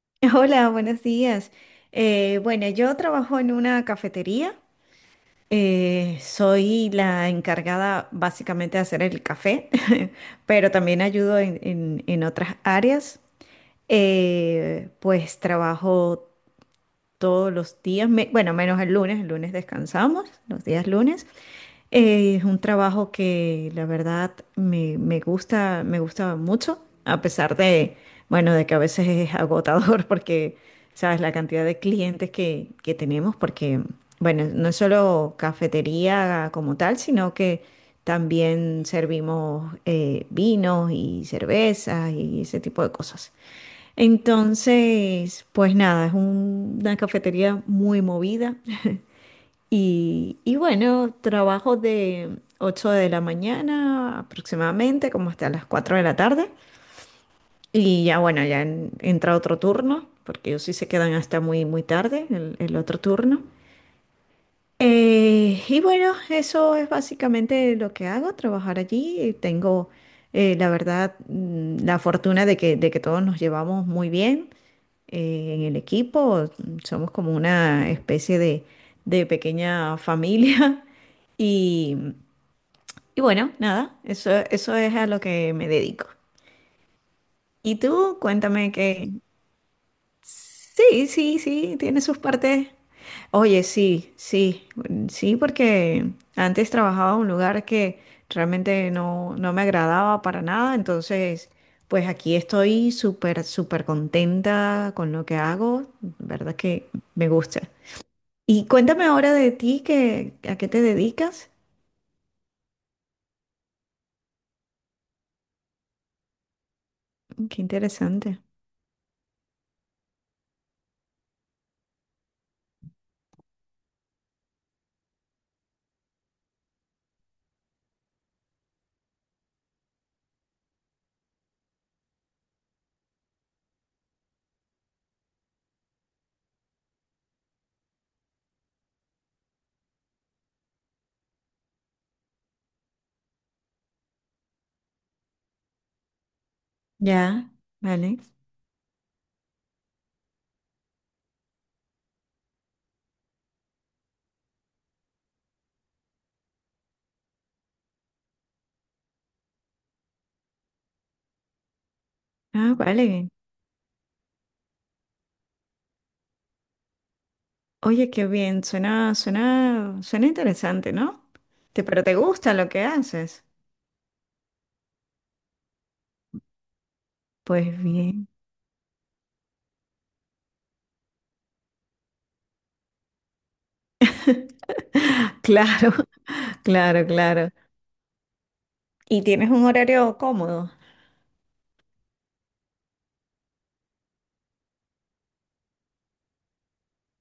Hola, buenos días. Bueno, yo trabajo en una cafetería. Soy la encargada básicamente de hacer el café, pero también ayudo en otras áreas. Pues trabajo todos los días, bueno, menos el lunes descansamos, los días lunes. Es un trabajo que la verdad me gusta mucho, a pesar de, bueno, de que a veces es agotador porque, sabes, la cantidad de clientes que tenemos, porque bueno, no es solo cafetería como tal, sino que también servimos vinos y cervezas y ese tipo de cosas. Entonces, pues nada, es una cafetería muy movida. Y bueno, trabajo de 8 de la mañana aproximadamente, como hasta las 4 de la tarde. Y ya bueno, ya entra otro turno, porque ellos sí se quedan hasta muy, muy tarde, el otro turno. Y bueno, eso es básicamente lo que hago, trabajar allí. Tengo, la verdad, la fortuna de que todos nos llevamos muy bien en el equipo. Somos como una especie de pequeña familia. Y, y bueno, nada, eso es a lo que me dedico. ¿Y tú? Cuéntame qué. Sí, sí, sí, tiene sus partes. Oye, sí, sí, mm, sí, porque antes trabajaba en un lugar que realmente no, no me agradaba para nada, entonces, pues aquí estoy súper, súper contenta con lo que hago, verdad que me gusta. Y cuéntame ahora de ti, que, ¿a qué te dedicas? Qué interesante. Ya, vale. Ah, vale. Oye, qué bien, suena, suena, suena interesante, ¿no? Pero te gusta lo que haces. Pues bien. Claro, claro, claro. ¿Y tienes un horario cómodo?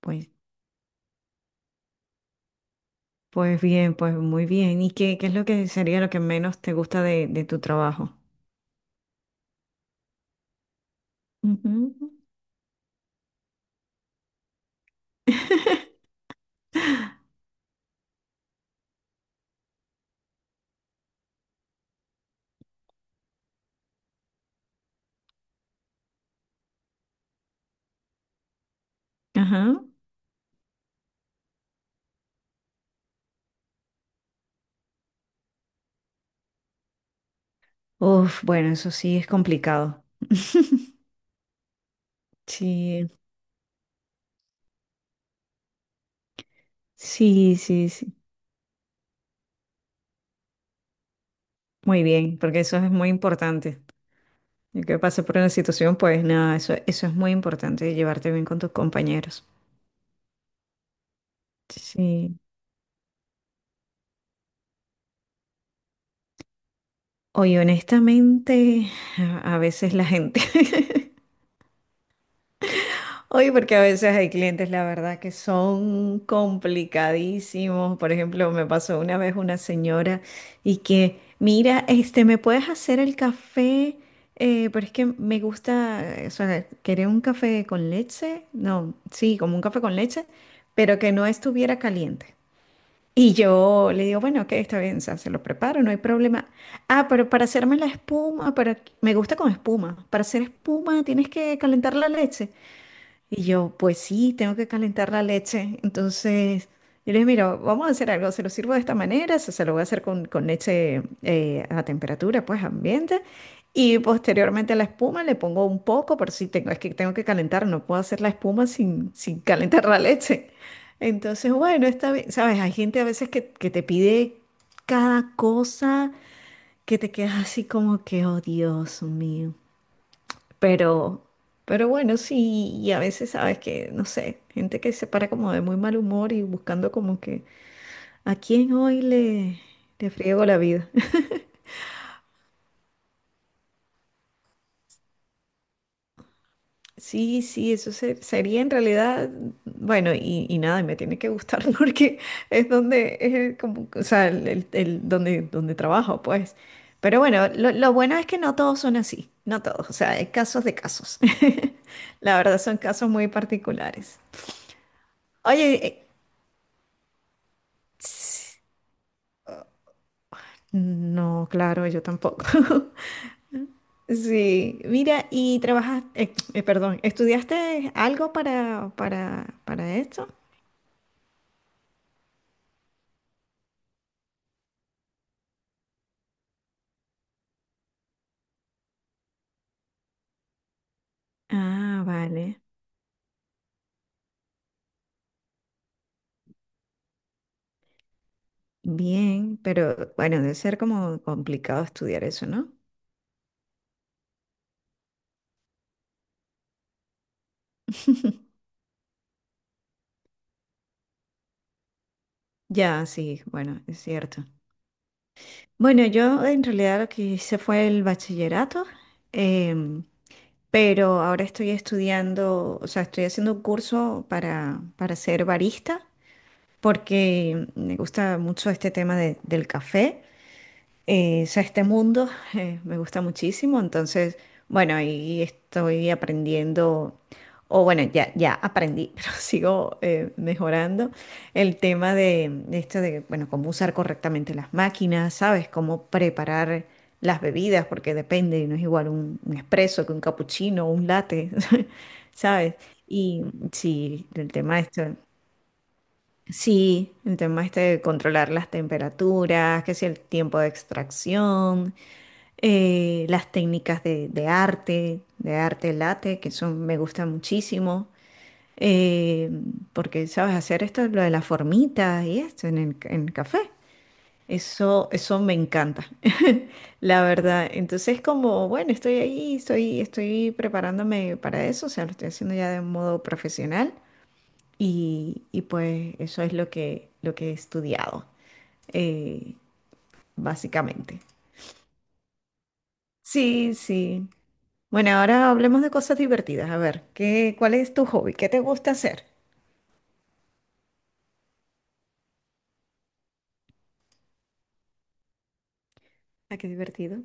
Pues, pues bien, pues muy bien. ¿Y qué, qué es lo que sería lo que menos te gusta de tu trabajo? Ujú. Ajá. Uf, bueno, eso sí es complicado. Sí, sí, sí, sí. Muy bien, porque eso es muy importante. El que pase por una situación, pues nada, eso es muy importante, llevarte bien con tus compañeros. Sí. Oye, honestamente, a veces la gente, oye, porque a veces hay clientes, la verdad, que son complicadísimos. Por ejemplo, me pasó una vez una señora y que, mira, este, ¿me puedes hacer el café? Pero es que me gusta, o sea, quería un café con leche, no, sí, como un café con leche, pero que no estuviera caliente. Y yo le digo, bueno, ok, está bien, o sea, se lo preparo, no hay problema. Ah, pero para hacerme la espuma, para me gusta con espuma. Para hacer espuma tienes que calentar la leche. Y yo, pues sí, tengo que calentar la leche. Entonces, yo le dije, mira, vamos a hacer algo, se lo sirvo de esta manera, se lo voy a hacer con leche a temperatura, pues ambiente. Y posteriormente a la espuma le pongo un poco, pero sí tengo, es que tengo que calentar, no puedo hacer la espuma sin, sin calentar la leche. Entonces, bueno, está bien, ¿sabes? Hay gente a veces que te pide cada cosa que te quedas así como que, oh Dios mío. Pero, pero bueno, sí, y a veces sabes que, no sé, gente que se para como de muy mal humor y buscando como que a quién hoy le, le friego la vida. Sí, sí, eso sería en realidad, bueno, y nada, y me tiene que gustar porque es donde, es el como, o sea, donde, donde trabajo, pues. Pero bueno, lo bueno es que no todos son así, no todos, o sea, hay casos de casos. La verdad son casos muy particulares. Oye, no, claro, yo tampoco. Sí, mira, y trabajas, perdón, ¿estudiaste algo para esto? Ah, vale. Bien, pero bueno, debe ser como complicado estudiar eso, ¿no? Ya, sí, bueno, es cierto. Bueno, yo en realidad lo que hice fue el bachillerato, em, pero ahora estoy estudiando, o sea, estoy haciendo un curso para ser barista. Porque me gusta mucho este tema del café, o sea, este mundo me gusta muchísimo, entonces, bueno, ahí estoy aprendiendo, o bueno, ya, ya aprendí, pero sigo mejorando el tema de esto de, bueno, cómo usar correctamente las máquinas, ¿sabes? Cómo preparar las bebidas, porque depende, no es igual un espresso que un capuchino o un latte, ¿sabes? Y sí, el tema de esto. Sí, el tema este de controlar las temperaturas, que si el tiempo de extracción, las técnicas de arte late, que son, me gusta muchísimo, eh, porque sabes hacer esto, lo de la formita y esto en el café. Eso me encanta, la verdad. Entonces, como, bueno, estoy ahí, estoy, estoy preparándome para eso, o sea, lo estoy haciendo ya de modo profesional. Y pues eso es lo que he estudiado, eh, básicamente. Sí, sí. Bueno, ahora hablemos de cosas divertidas. A ver, ¿qué, cuál es tu hobby? ¿Qué te gusta hacer? Ah, qué divertido.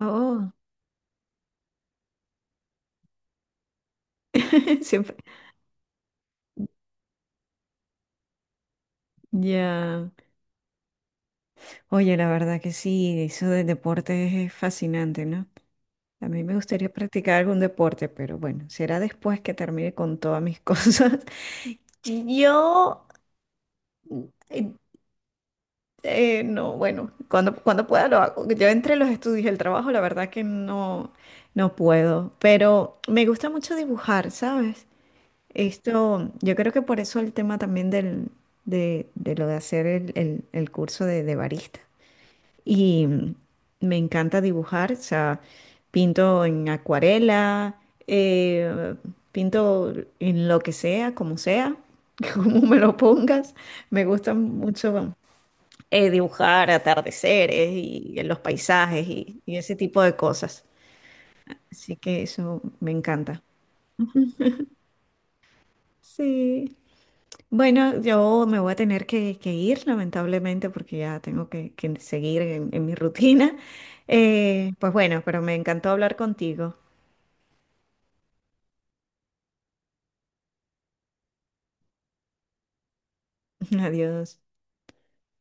Oh, siempre. Ya. Oye, la verdad que sí, eso del deporte es fascinante, ¿no? A mí me gustaría practicar algún deporte, pero bueno, será después que termine con todas mis cosas. Yo no, bueno, cuando, cuando pueda lo hago. Yo entre los estudios y el trabajo, la verdad que no, no puedo, pero me gusta mucho dibujar, ¿sabes? Esto, yo creo que por eso el tema también del, de lo de hacer el, el curso de barista. Y me encanta dibujar, o sea, pinto en acuarela, eh, pinto en lo que sea, como sea, como me lo pongas. Me gusta mucho dibujar atardeceres y los paisajes y ese tipo de cosas. Así que eso me encanta. Sí. Bueno, yo me voy a tener que ir, lamentablemente, porque ya tengo que seguir en mi rutina. Pues bueno, pero me encantó hablar contigo. Adiós.